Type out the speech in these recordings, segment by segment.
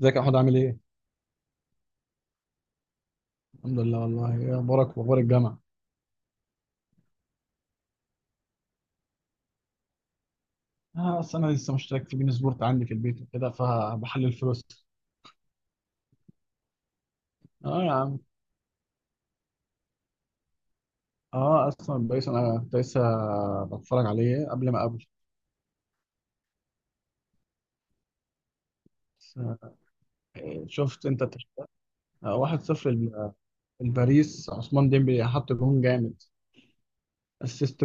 ازيك يا احمد، عامل ايه؟ الحمد لله والله، ايه اخبارك واخبار الجامعه؟ اه، اصل انا لسه مشترك في بين سبورت عندي في البيت وكده فبحلل فلوس. اه يا عم. اه اصلا بايس، انا كنت لسه بتفرج عليه قبل ما اقابله. بس، شفت انت واحد صفر الباريس، عثمان ديمبلي حط جون جامد، اسيست.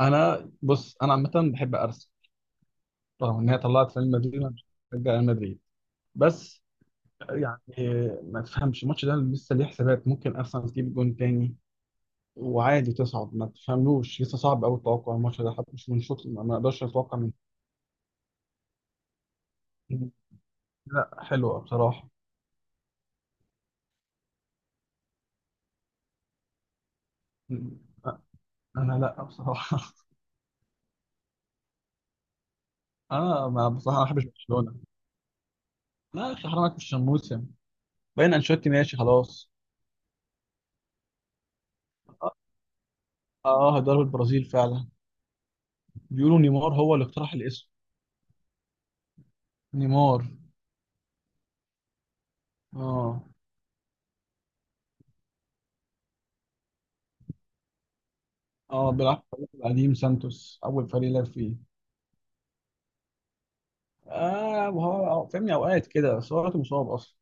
انا بص، انا عامه بحب ارسنال، رغم ان هي طلعت ريال مدريد، انا مش بشجع ريال مدريد بس. يعني ما تفهمش الماتش ده لسه ليه حسابات، ممكن ارسنال تجيب جون تاني وعادي تصعد، ما تفهملوش لسه، صعب قوي التوقع الماتش ده، حتى مش من شوط، ما اقدرش اتوقع من لا، حلوه بصراحه. أ- انا لا بصراحه انا ما بصراحه ما بحبش برشلونه. لا يا اخي حرام عليك، مش شموسه. باين انشيلوتي ماشي خلاص. اه، هيدرب البرازيل فعلا. بيقولوا نيمار هو اللي اقترح الاسم. نيمار. اه. اه، بيلعب في الفريق القديم سانتوس، اول فريق لعب فيه. اه، وهو فاهمني اوقات كده، بس هو دلوقتي مصاب اصلا.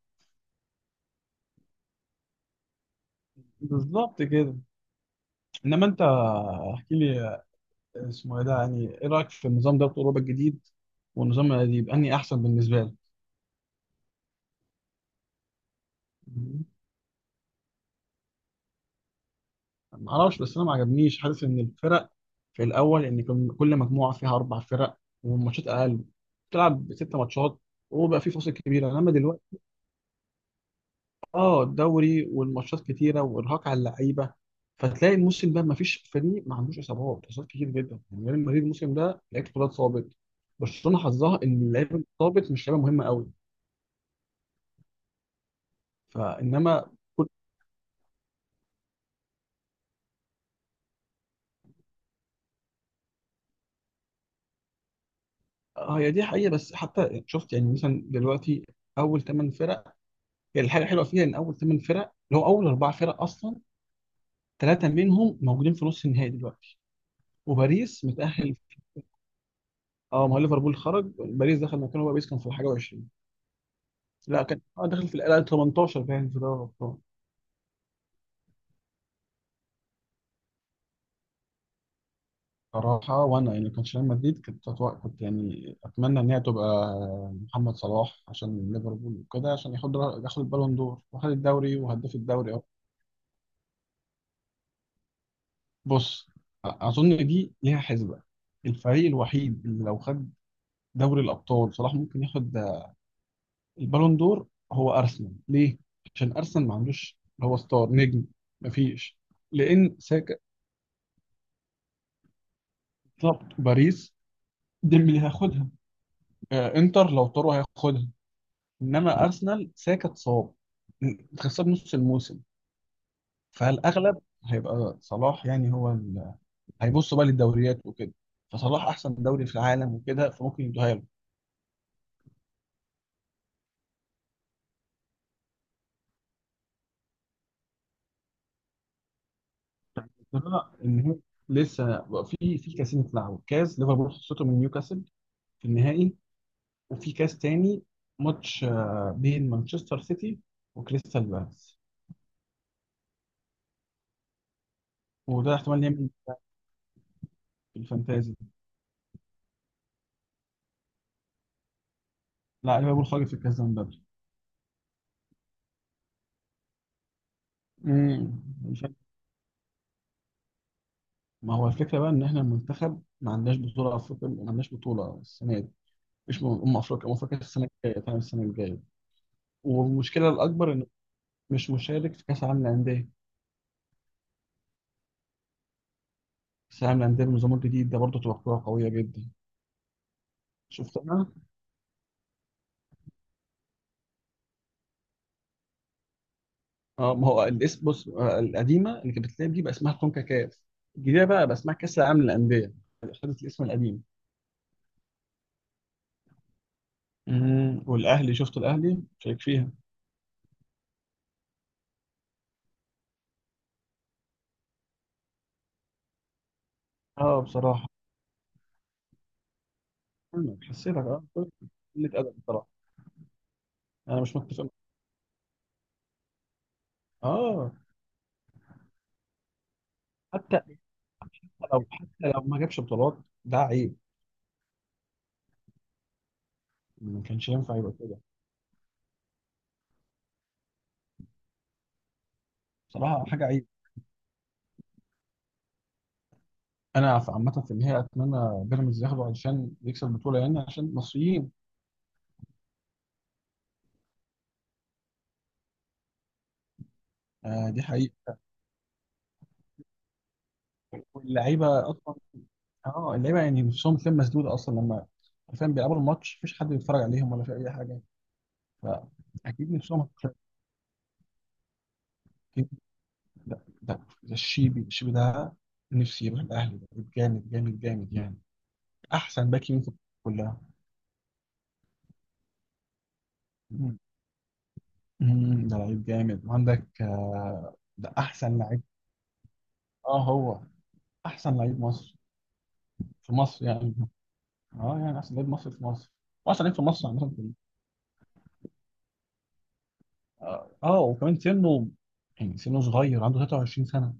بالظبط كده. انما انت، احكي لي، اسمه ايه ده، يعني ايه رايك في النظام ده بتاع اوروبا الجديد والنظام القديم، انهي احسن بالنسبه لك؟ مم. ما اعرفش، بس انا ما عجبنيش، حاسس ان الفرق في الاول ان كان كل مجموعه فيها اربع فرق، والماتشات اقل، بتلعب ست ماتشات، وبقى في فاصل كبيره. انما دلوقتي اه الدوري والماتشات كتيره وارهاق على اللعيبه، فتلاقي الموسم ده ما فيش فريق ما عندوش اصابات، اصابات كتير جدا. يعني ريال مدريد الموسم ده لعيبه كلها اتصابت، برشلونه حظها ان اللعيبه اللي اتصابت مش لعيبه مهمه قوي فانما. اه هي دي حقيقة، بس حتى شفت يعني مثلا دلوقتي، أول ثمان فرق، هي الحاجة الحلوة فيها إن أول ثمان فرق اللي هو أول أربع فرق أصلا، ثلاثة منهم موجودين في نص النهائي دلوقتي وباريس متأهل. اه، ما هو ليفربول خرج، باريس دخل مكانه، بقى باريس كان في الحاجة 20، لا كان اه دخل في الآن 18، باين في دوري الأبطال. صراحة وأنا يعني كان ريال مدريد، كنت أتوقع، كنت يعني أتمنى إن هي تبقى محمد صلاح عشان ليفربول وكده، عشان ياخد البالون دور، وخد الدوري، وهداف الدوري. بص، اظن دي ليها حسبه، الفريق الوحيد اللي لو خد دوري الابطال صلاح ممكن ياخد البالون دور، هو ارسنال. ليه؟ عشان ارسنال ما عندوش اللي هو ستار نجم، مفيش، لان ساكا. بالظبط، باريس ديمبلي هياخدها، انتر لو طاروا هياخدها، انما ارسنال ساكا اتصاب، خسر نص الموسم، فالاغلب هيبقى صلاح، يعني هو هيبص بقى للدوريات وكده، فصلاح احسن دوري في العالم وكده، فممكن يدوها له. لا، النهائي لسه، بقى في كاسين اتلعبوا، كاس ليفربول خسرته من نيوكاسل في النهائي، وفي كاس تاني، ماتش بين مانشستر سيتي وكريستال بالاس، وده احتمال يعمل إيه في الفانتازي. لا ليفربول خرج في الكاس ده من بدري. مش عارف. ما هو الفكره بقى ان احنا المنتخب ما عندناش بطوله افريقيا، ما عندناش بطوله السنه دي، مش ام افريقيا، ام افريقيا السنه الجايه، فاهم السنه الجايه. والمشكله الاكبر انه مش مشارك في كاس العالم للانديه، كاس العالم للانديه بالنظام الجديد ده برضه تبقى بطوله قويه جدا. شفت؟ اه ما هو الاسم، بص، القديمه اللي كانت بتتلعب دي بقى اسمها كونكاكاف، الجديده بقى اسمها كاس العالم للانديه، خدت الاسم القديم. والاهلي شفت الاهلي شارك فيها. اه بصراحه. أنا حسيتك اه قلة ادب بصراحه. انا مش متفق معاك. اه، حتى حتى حتى لو ما جابش بطولات ده عيب، ما كانش ينفع يبقى كده. بصراحه حاجه عيب. انا في عامه في النهايه اتمنى بيراميدز ياخده علشان يكسب البطوله، يعني عشان مصريين. آه دي حقيقه. واللعيبه اصلا، اه اللعيبه يعني نفسهم بتلاقيهم مسدوده اصلا لما، فاهم، بيلعبوا الماتش مفيش حد بيتفرج عليهم ولا في اي حاجه، فاكيد نفسهم هتتشد. أكيد. لا ده الشيبي ده، نفسي يروح الاهلي، ده لعيب جامد جامد جامد يعني، احسن باك يمين في الكورة كلها. مم. مم، ده لعيب جامد، وعندك ده احسن لعيب. اه، هو احسن لعيب مصر، في مصر يعني، اه يعني احسن لعيب مصر في مصر، واحسن لعيب في مصر عامه كلها. اه، وكمان سنه، يعني سنه صغير، عنده 23 سنه.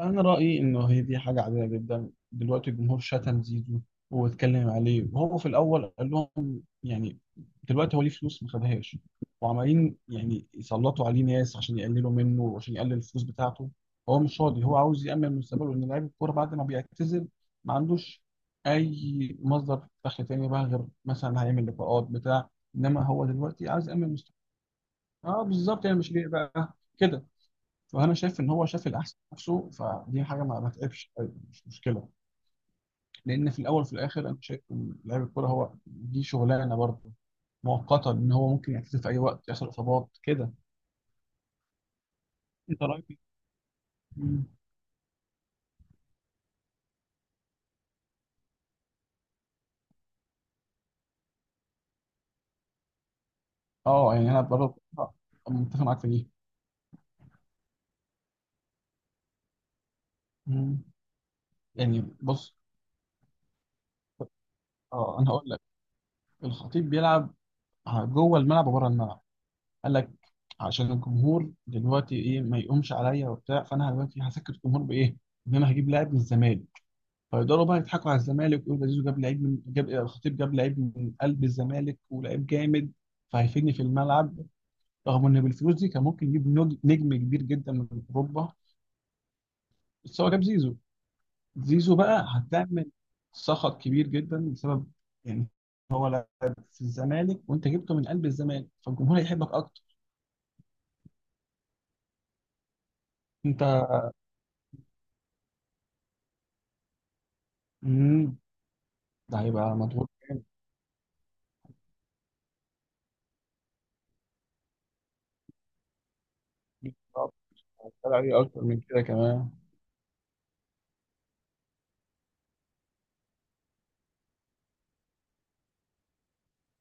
انا رايي انه هي دي حاجه عاديه جدا، دلوقتي الجمهور شتم زيزو واتكلم عليه، وهو في الاول قال لهم، يعني دلوقتي هو ليه فلوس ما خدهاش، وعمالين يعني يسلطوا عليه ناس عشان يقللوا منه وعشان يقلل الفلوس بتاعته، هو مش راضي، هو عاوز يامن مستقبله، ان لعيب الكوره بعد ما بيعتزل ما عندوش اي مصدر دخل تاني بقى، غير مثلا هيعمل لقاءات بتاع، انما هو دلوقتي عايز يامن مستقبله. اه بالظبط، يعني مش ليه بقى كده. فانا شايف ان هو شاف الاحسن في نفسه، فدي حاجه ما تعبش. أيوة، مش مشكله. لان في الاول وفي الاخر انا شايف ان لاعب الكوره هو دي شغلانه برضه مؤقته، ان هو ممكن يعتزل في اي وقت، يحصل اصابات كده. انت رايك إيه؟ مم. اه يعني انا برضه متفق معاك في دي. مم. يعني بص، اه انا هقول لك، الخطيب بيلعب جوه الملعب وبره الملعب، قال لك عشان الجمهور دلوقتي ايه ما يقومش عليا وبتاع، فانا دلوقتي هسكت الجمهور بايه؟ ان انا هجيب لاعب من الزمالك فيقدروا بقى يضحكوا على الزمالك ويقولوا ده زيزو جاب لعيب من جاب الخطيب جاب لعيب من قلب الزمالك، ولعيب جامد، فهيفيدني في الملعب، رغم ان بالفلوس دي كان ممكن يجيب نجم كبير جدا من اوروبا، بس هو جاب زيزو. زيزو بقى هتعمل سخط كبير جدا بسبب يعني في الزمالك، وانت جبته من قلب الزمالك، فالجمهور هيحبك اكتر. انت مم، ده هيبقى مضغوط جامد، هتطلع عليه اكتر من كده كمان.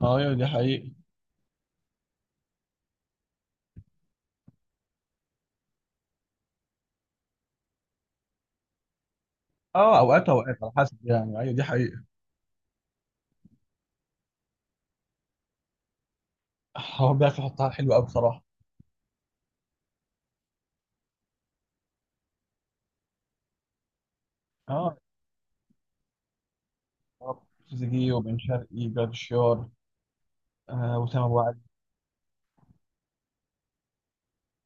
اه ايوه دي حقيقة. اه اوقات على حسب، يعني ايوه دي حقيقة. هو بيعرف يحطها حلوة أوي بصراحة. اه، تريزيجيه وبن شرقي جراديشار، آه وسام أبو علي.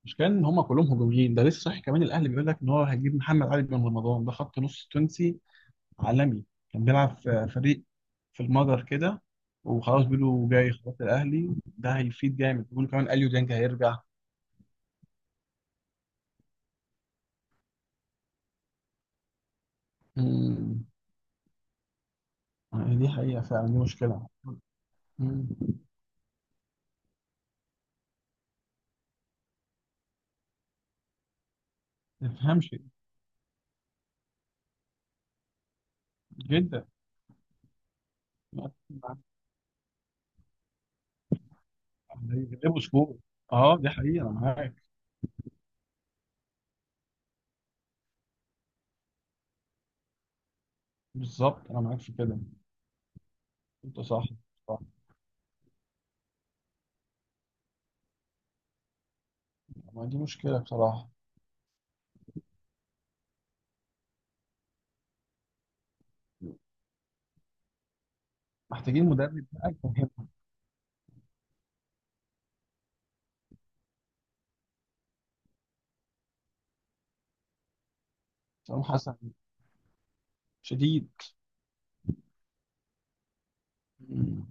المشكلة إن هما كلهم هجوميين، ده لسه صحيح كمان الأهلي بيقول لك إن هو هيجيب محمد علي بن رمضان، ده خط نص تونسي عالمي، كان بيلعب في فريق في المجر كده، وخلاص بيقولوا جاي، خلاص الأهلي ده هيفيد جامد، بيقولوا كمان أليو ديانج هيرجع. مم. دي حقيقة فعلا، دي مشكلة. مم. ما تفهمش جدا. يغلبوا سكور. اه دي حقيقة أنا معاك. بالظبط انا معاك في كده. انت صح، صح. ما دي مشكله بصراحه. محتاجين مدرب بقى يفهمهم. حسام حسن شديد. مم.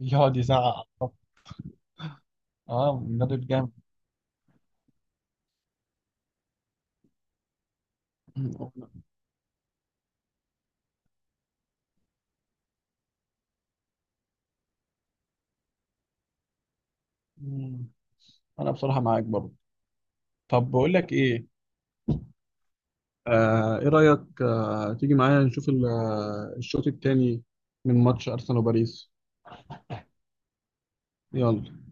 يقعد يزعق. اه، مدرب جامد. مم. انا بصراحه معاك برضه. طب بقول لك ايه، آه ايه رايك، تيجي معايا نشوف الشوط الثاني من ماتش ارسنال وباريس. يلا.